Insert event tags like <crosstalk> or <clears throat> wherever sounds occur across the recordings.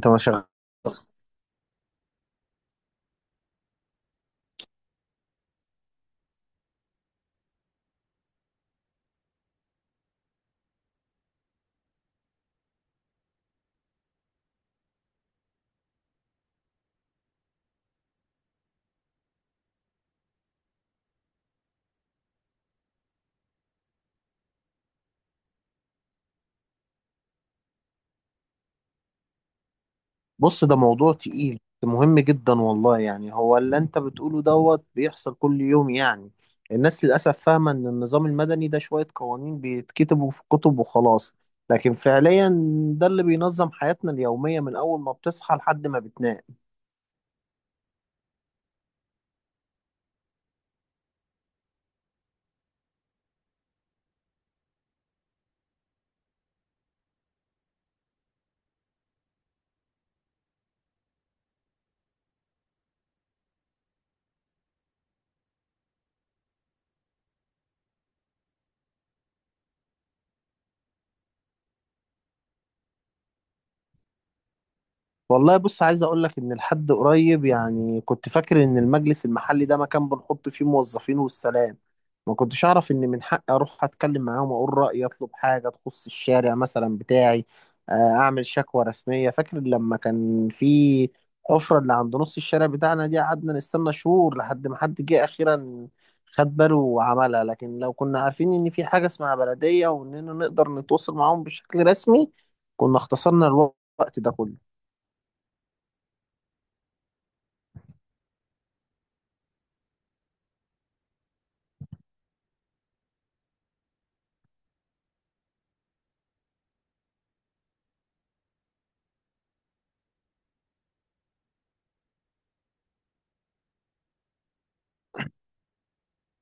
انت ما شغال اصلا. بص، ده موضوع تقيل، مهم جدا والله. يعني هو اللي انت بتقوله دوت بيحصل كل يوم يعني. الناس للاسف فاهمه ان النظام المدني ده شويه قوانين بيتكتبوا في كتب وخلاص، لكن فعليا ده اللي بينظم حياتنا اليوميه من اول ما بتصحى لحد ما بتنام. والله بص، عايز اقول لك ان لحد قريب يعني كنت فاكر ان المجلس المحلي ده مكان بنحط فيه موظفين والسلام. ما كنتش اعرف ان من حقي اروح اتكلم معاهم واقول رايي، اطلب حاجه تخص الشارع مثلا بتاعي، آه، اعمل شكوى رسميه. فاكر لما كان في حفره اللي عند نص الشارع بتاعنا دي؟ قعدنا نستنى شهور لحد ما حد جه اخيرا خد باله وعملها. لكن لو كنا عارفين ان في حاجه اسمها بلديه واننا نقدر نتواصل معاهم بشكل رسمي، كنا اختصرنا الوقت ده كله.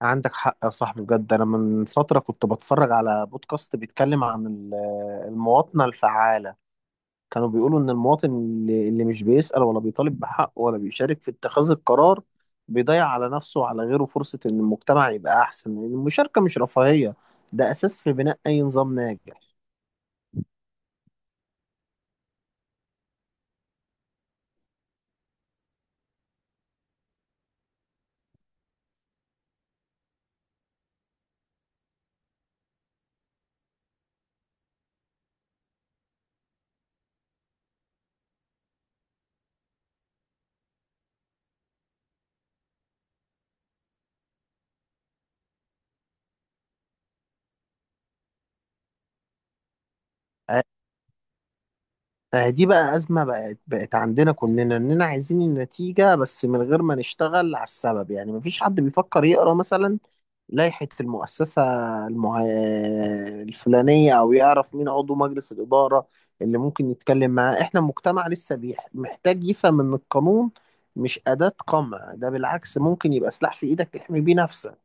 عندك حق يا صاحبي، بجد. انا من فتره كنت بتفرج على بودكاست بيتكلم عن المواطنه الفعاله. كانوا بيقولوا ان المواطن اللي مش بيسأل ولا بيطالب بحقه ولا بيشارك في اتخاذ القرار، بيضيع على نفسه وعلى غيره فرصه ان المجتمع يبقى احسن، لان المشاركه مش رفاهيه، ده اساس في بناء اي نظام ناجح. دي بقى أزمة بقت عندنا كلنا، إننا عايزين النتيجة بس من غير ما نشتغل على السبب. يعني مفيش حد بيفكر يقرأ مثلا لائحة المؤسسة المه... الفلانية، أو يعرف مين عضو مجلس الإدارة اللي ممكن يتكلم معاه. إحنا مجتمع لسه محتاج يفهم إن القانون مش أداة قمع، ده بالعكس ممكن يبقى سلاح في إيدك تحمي بيه نفسك.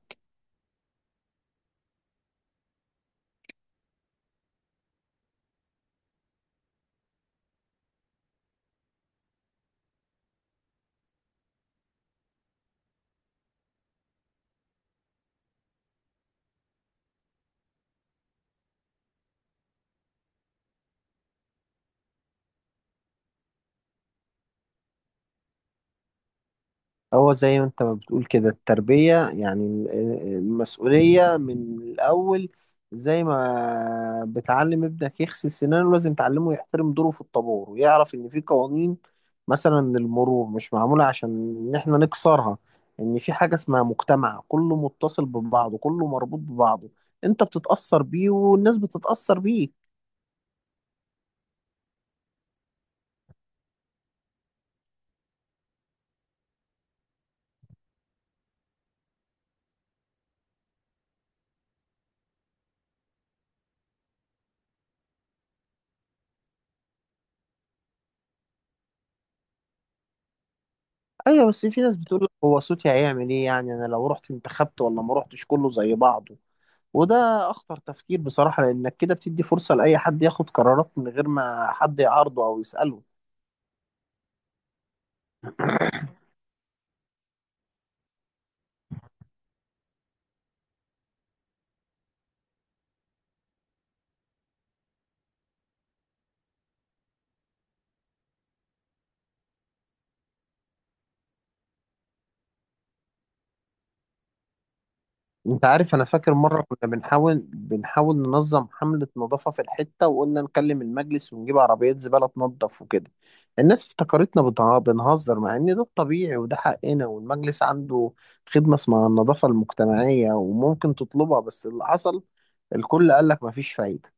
هو زي ما انت ما بتقول كده، التربية يعني المسؤولية من الأول. زي ما بتعلم ابنك يغسل سنانه، لازم تعلمه يحترم دوره في الطابور ويعرف إن في قوانين. مثلا المرور مش معمولة عشان إن إحنا نكسرها، إن في حاجة اسمها مجتمع كله متصل ببعضه، كله مربوط ببعضه. أنت بتتأثر بيه والناس بتتأثر بيه. أيوة، بس في ناس بتقول لك هو صوتي هيعمل إيه يعني، أنا لو رحت انتخبت ولا ما رحتش كله زي بعضه. وده اخطر تفكير بصراحة، لانك كده بتدي فرصة لاي حد ياخد قرارات من غير ما حد يعارضه او يسأله. <clears throat> انت عارف، انا فاكر مرة كنا بنحاول ننظم حملة نظافة في الحتة، وقلنا نكلم المجلس ونجيب عربيات زبالة تنظف وكده. الناس افتكرتنا بنهزر، مع ان ده الطبيعي وده حقنا، والمجلس عنده خدمة اسمها النظافة المجتمعية وممكن تطلبها. بس اللي حصل، الكل قال لك مفيش فايدة.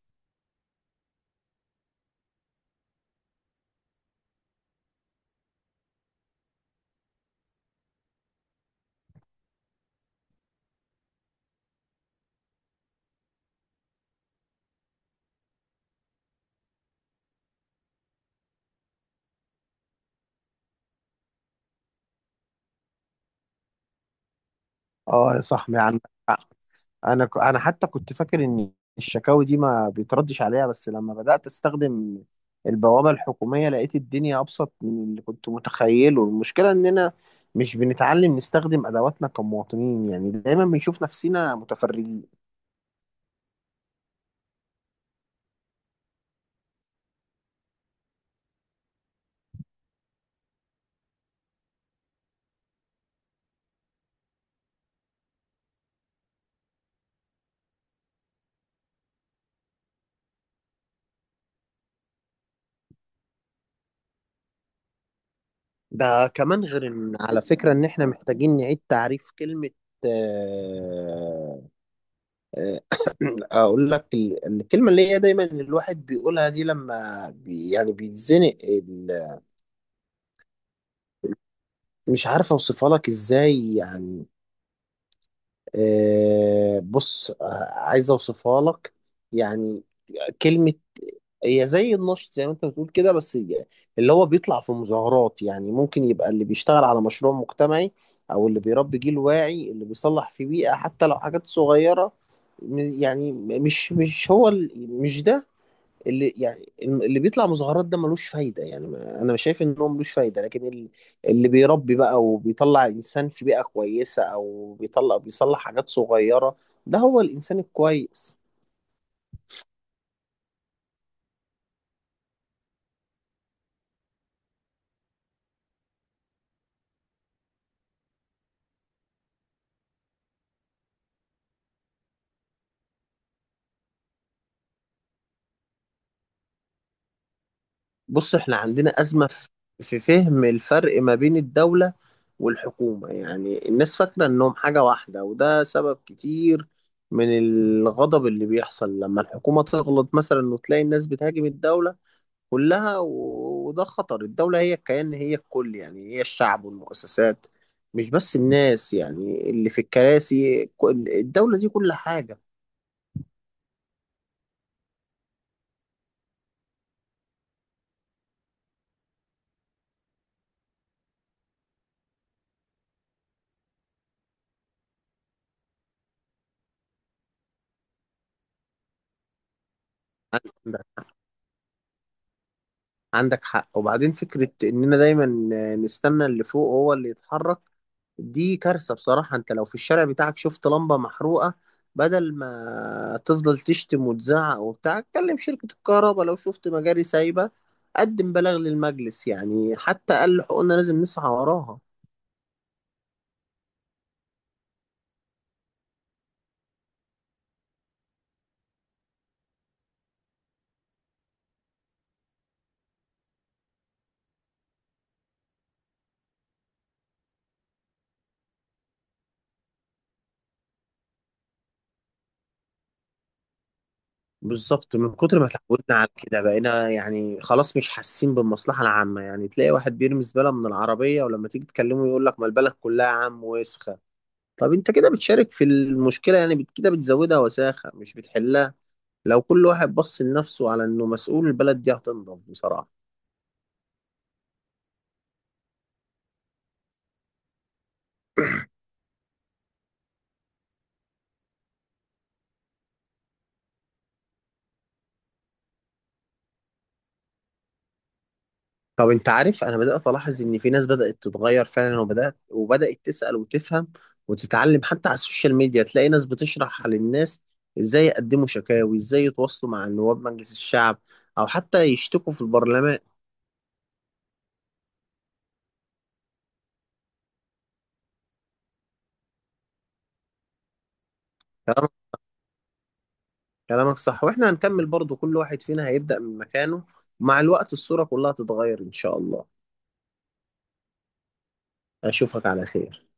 اه يا صاحبي عندك حق. انا انا حتى كنت فاكر ان الشكاوي دي ما بيتردش عليها، بس لما بدأت استخدم البوابة الحكومية لقيت الدنيا ابسط من اللي كنت متخيله. المشكلة اننا مش بنتعلم نستخدم ادواتنا كمواطنين، يعني دايما بنشوف نفسنا متفرجين. ده كمان غير ان على فكرة ان احنا محتاجين نعيد تعريف كلمة، آه، <coughs> آه، <clears throat> اقول لك، الكلمة اللي هي دايما الواحد بيقولها دي لما يعني بيتزنق. مش عارف اوصفها لك ازاي يعني. آه بص، آه عايز اوصفها لك يعني. كلمة هي زي النشط زي ما انت بتقول كده، بس اللي هو بيطلع في مظاهرات. يعني ممكن يبقى اللي بيشتغل على مشروع مجتمعي، او اللي بيربي جيل واعي، اللي بيصلح في بيئة حتى لو حاجات صغيرة. يعني مش مش هو ال- مش ده اللي يعني. اللي بيطلع مظاهرات ده ملوش فايدة، يعني أنا مش شايف إن هو ملوش فايدة، لكن اللي بيربي بقى وبيطلع إنسان في بيئة كويسة، أو بيطلع بيصلح حاجات صغيرة، ده هو الإنسان الكويس. بص، إحنا عندنا أزمة في في فهم الفرق ما بين الدولة والحكومة. يعني الناس فاكرة إنهم حاجة واحدة، وده سبب كتير من الغضب اللي بيحصل لما الحكومة تغلط مثلا وتلاقي الناس بتهاجم الدولة كلها. وده خطر. الدولة هي الكيان، هي الكل، يعني هي الشعب والمؤسسات، مش بس الناس يعني اللي في الكراسي. الدولة دي كل حاجة. عندك عندك حق. وبعدين فكرة إننا دايما نستنى اللي فوق هو اللي يتحرك، دي كارثة بصراحة. انت لو في الشارع بتاعك شفت لمبة محروقة، بدل ما تفضل تشتم وتزعق وبتاع، كلم شركة الكهرباء. لو شفت مجاري سايبة، قدم بلاغ للمجلس. يعني حتى أقل حقوقنا لازم نسعى وراها. بالظبط، من كتر ما اتعودنا على كده بقينا يعني خلاص مش حاسين بالمصلحة العامة. يعني تلاقي واحد بيرمي زبالة من العربية، ولما تيجي تكلمه يقول لك ما البلد كلها يا عم وسخة. طب انت كده بتشارك في المشكلة، يعني كده بتزودها وساخة مش بتحلها. لو كل واحد بص لنفسه على انه مسؤول، البلد دي هتنضف بصراحة. طب انت عارف، انا بدأت الاحظ ان في ناس بدأت تتغير فعلا، وبدأت تسأل وتفهم وتتعلم. حتى على السوشيال ميديا تلاقي ناس بتشرح للناس ازاي يقدموا شكاوي، ازاي يتواصلوا مع نواب مجلس الشعب، او حتى يشتكوا في البرلمان. كلامك كلامك صح. واحنا هنكمل برضو، كل واحد فينا هيبدأ من مكانه، ومع الوقت الصورة كلها تتغير ان شاء الله. اشوفك على خير.